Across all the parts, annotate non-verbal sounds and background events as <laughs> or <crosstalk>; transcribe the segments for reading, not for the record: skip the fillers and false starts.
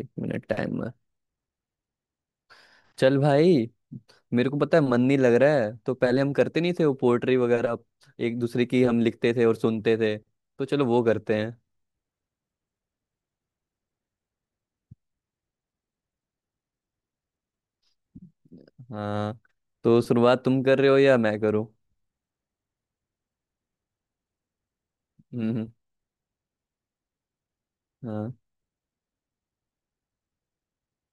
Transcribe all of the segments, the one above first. एक minute time है। चल भाई। मेरे को पता है मन नहीं लग रहा है, तो पहले हम करते नहीं थे वो पोएट्री वगैरह। एक दूसरे की हम लिखते थे और सुनते थे। तो चलो वो करते हैं। हाँ। तो शुरुआत तुम कर रहे हो या मैं करूँ? हम्म। हम्म। हाँ।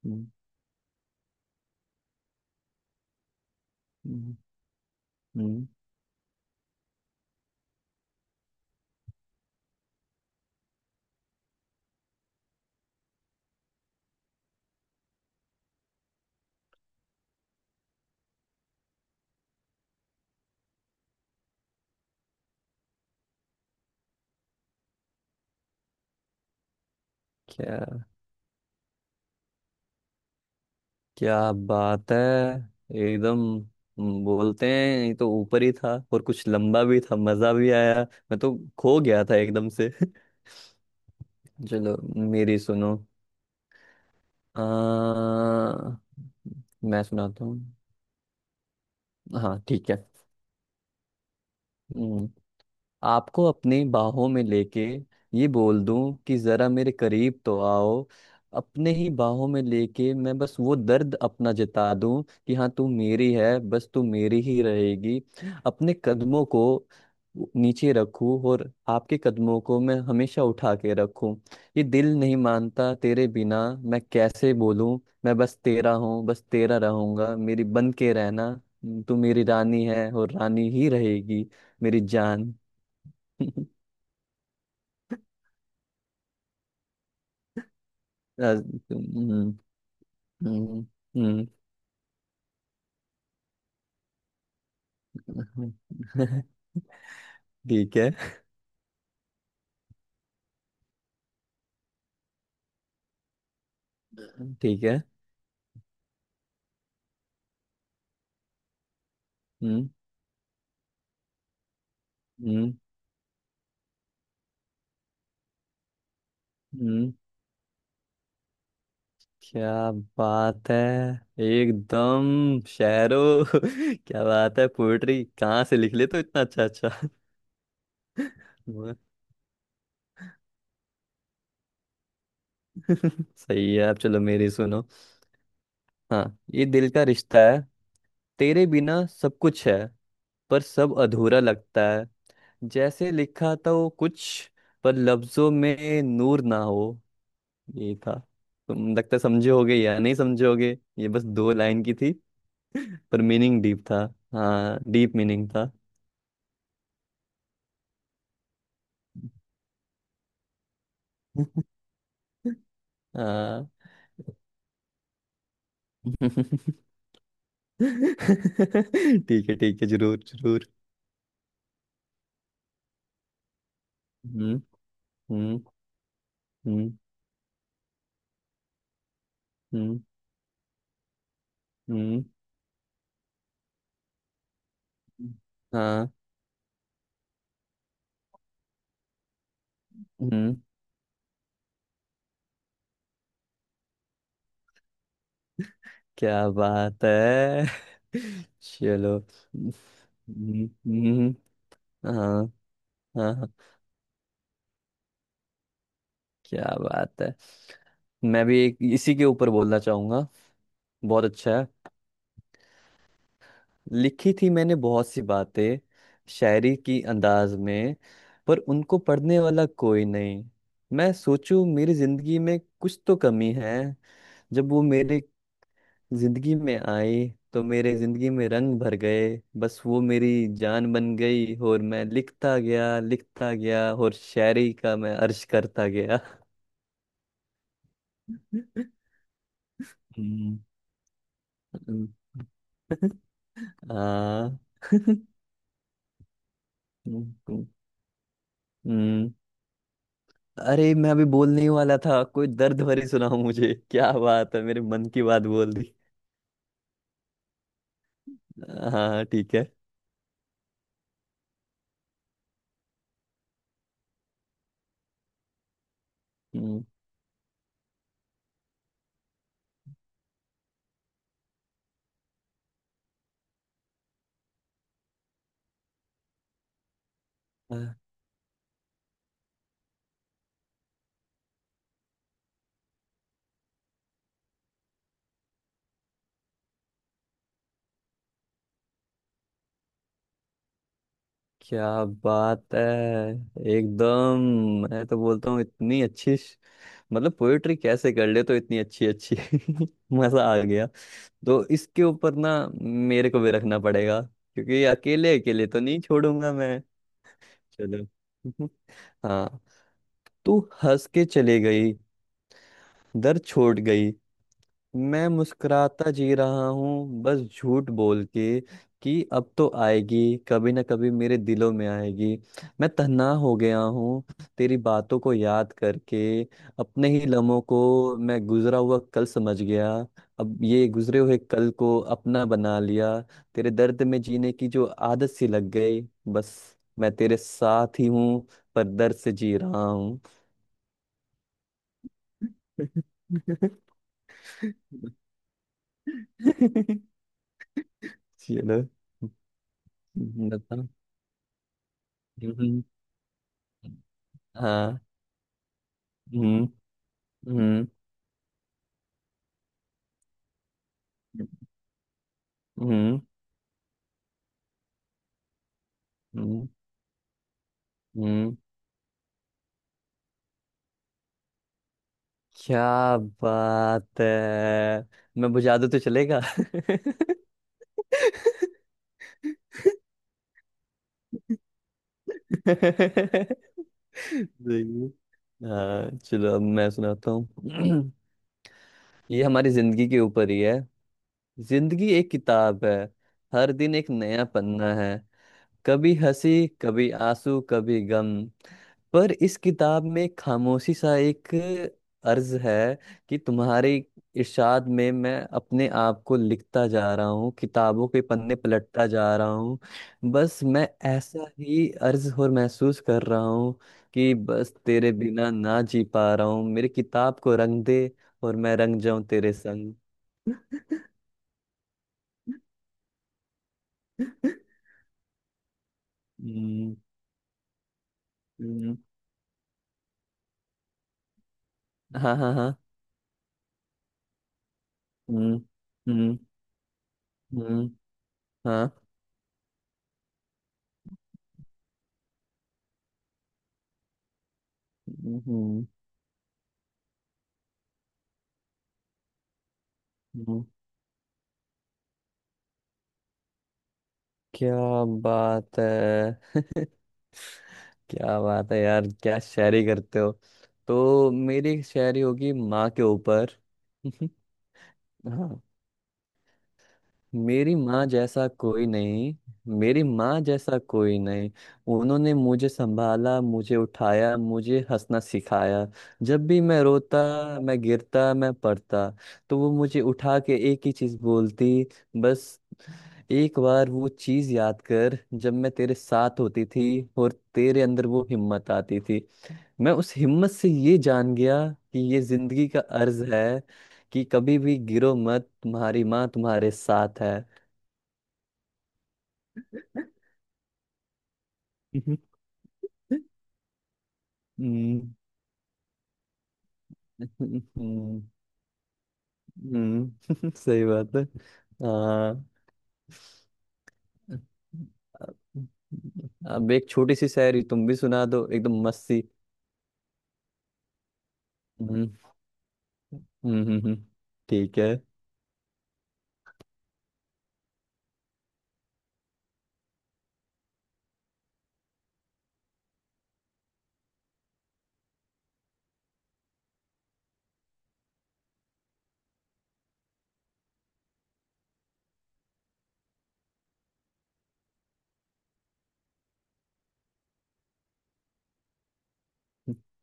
हम्म। हम्म। हम्म। क्या! क्या बात है! एकदम! बोलते हैं, ये तो ऊपर ही था और कुछ लंबा भी था, मजा भी आया। मैं तो खो गया था एकदम से। <laughs> चलो, मेरी सुनो। अ, मैं सुनाता हूँ। हाँ ठीक है। हम्म, आपको अपनी बाहों में लेके ये बोल दूं कि जरा मेरे करीब तो आओ। अपने ही बाहों में लेके मैं बस वो दर्द अपना जता दूं कि हाँ, तू मेरी है, बस तू मेरी ही रहेगी। अपने कदमों को नीचे रखूं और आपके कदमों को मैं हमेशा उठा के रखूं। ये दिल नहीं मानता तेरे बिना, मैं कैसे बोलूं? मैं बस तेरा हूँ, बस तेरा रहूंगा, मेरी बन के रहना। तू मेरी रानी है और रानी ही रहेगी, मेरी जान। <laughs> राज- हम्म। हम्म। हम्म। हम्म। <laughs> ठीक है, ठीक है। हम्म। हम्म। हम्म। क्या बात है! एकदम शेरो! <laughs> क्या बात है! पोएट्री कहाँ से लिख ले, तो इतना अच्छा अच्छा। वाह। <laughs> सही है आप। चलो मेरी सुनो। हाँ, ये दिल का रिश्ता है। तेरे बिना सब कुछ है, पर सब अधूरा लगता है। जैसे लिखा था वो कुछ, पर लफ्जों में नूर ना हो। ये था। तुम, लगता है, समझे होगे या नहीं समझे होगे, ये बस दो लाइन की थी। <laughs> पर मीनिंग डीप था। हाँ, डीप मीनिंग था। <laughs> हाँ। <laughs> ठीक है, ठीक है, जरूर जरूर। हम्म। हम्म। हम्म। हम्म। हम्म। हाँ। हम्म। क्या बात है! <laughs> चलो। हम्म। हम्म। हाँ, हाँ, हाँ, क्या बात है! मैं भी एक इसी के ऊपर बोलना चाहूंगा। बहुत अच्छा है। लिखी थी मैंने बहुत सी बातें, शायरी की अंदाज में, पर उनको पढ़ने वाला कोई नहीं। मैं सोचूं, मेरी जिंदगी में कुछ तो कमी है। जब वो मेरे जिंदगी में आई, तो मेरे जिंदगी में रंग भर गए। बस वो मेरी जान बन गई, और मैं लिखता गया, लिखता गया, और शायरी का मैं अर्ज करता गया। <laughs> हम्म। हम्म। हाँ। हम्म। हम्म। हम्म। अरे, मैं अभी बोलने ही वाला था, कोई दर्द भरी सुनाओ मुझे। क्या बात है, मेरे मन की बात बोल दी। हाँ, ठीक है। हम्म। अ, क्या बात है! एकदम! मैं तो बोलता हूँ इतनी अच्छी मतलब पोएट्री कैसे कर ले, तो इतनी अच्छी अच्छी। <laughs> मजा आ गया। तो इसके ऊपर ना, मेरे को भी रखना पड़ेगा, क्योंकि अकेले अकेले तो नहीं छोड़ूंगा मैं। चलो। <laughs> हाँ। तू हंस के चले गई, दर छोड़ गई। मैं मुस्कुराता जी रहा हूँ, बस झूठ बोल के कि अब तो आएगी, कभी ना कभी मेरे दिलों में आएगी। मैं तन्हा हो गया हूँ तेरी बातों को याद करके। अपने ही लम्हों को मैं गुजरा हुआ कल समझ गया, अब ये गुजरे हुए कल को अपना बना लिया। तेरे दर्द में जीने की जो आदत सी लग गई, बस मैं तेरे साथ ही हूँ, पर दर्द से जी रहा हूँ। <laughs> चलो। बताओ। हम्म। हाँ। हम्म। हम्म। हम्म। हम्म। हम्म। क्या बात है! मैं बुझा दूं तो चलेगा? <laughs> देखिए। हाँ चलो, अब मैं सुनाता हूँ। <clears throat> ये हमारी जिंदगी के ऊपर ही है। जिंदगी एक किताब है, हर दिन एक नया पन्ना है। कभी हंसी, कभी आंसू, कभी गम, पर इस किताब में खामोशी सा एक अर्ज है कि तुम्हारे इरशाद में मैं अपने आप को लिखता जा रहा हूँ, किताबों के पन्ने पलटता जा रहा हूँ। बस मैं ऐसा ही अर्ज और महसूस कर रहा हूँ कि बस तेरे बिना ना जी पा रहा हूँ, मेरी किताब को रंग दे और मैं रंग जाऊं तेरे संग। हम्म। हम्म। हाँ। हाँ। हाँ। हम्म। हम्म। हम्म। हाँ। हम्म। हम्म। क्या बात है! <laughs> क्या बात है यार, क्या शायरी करते हो! तो मेरी एक शायरी होगी माँ के ऊपर। <laughs> हाँ। मेरी माँ जैसा कोई नहीं। मेरी माँ जैसा कोई नहीं। उन्होंने मुझे संभाला, मुझे उठाया, मुझे हंसना सिखाया। जब भी मैं रोता, मैं गिरता, मैं पड़ता, तो वो मुझे उठा के एक ही चीज बोलती। बस एक बार वो चीज याद कर, जब मैं तेरे साथ होती थी और तेरे अंदर वो हिम्मत आती थी। मैं उस हिम्मत से ये जान गया कि ये जिंदगी का अर्ज है कि कभी भी गिरो मत, तुम्हारी माँ तुम्हारे साथ है। <laughs> हम्म। हम्म। हम्म। <laughs> सही बात है। हाँ। अब एक छोटी सी शायरी तुम भी सुना दो, एकदम मस्त सी। हम्म। हम्म। हम्म। हम्म। ठीक है।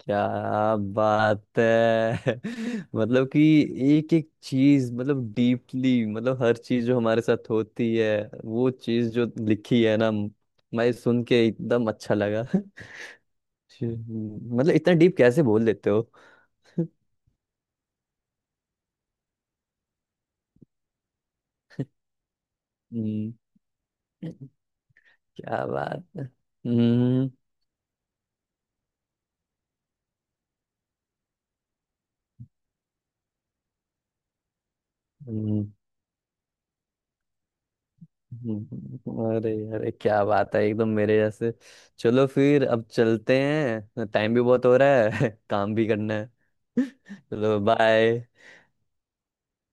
क्या बात है! <laughs> मतलब कि एक एक चीज, मतलब डीपली, मतलब हर चीज जो हमारे साथ होती है, वो चीज जो लिखी है ना। मैं सुन के एकदम अच्छा लगा। <laughs> हम्म। मतलब इतना डीप कैसे बोल देते हो! <laughs> हम्म। क्या बात है! हम्म। हम्म। हम्म। अरे अरे, क्या बात है, एकदम मेरे जैसे! चलो फिर, अब चलते हैं, टाइम भी बहुत हो रहा है। <laughs> काम भी करना है। <laughs> चलो बाय।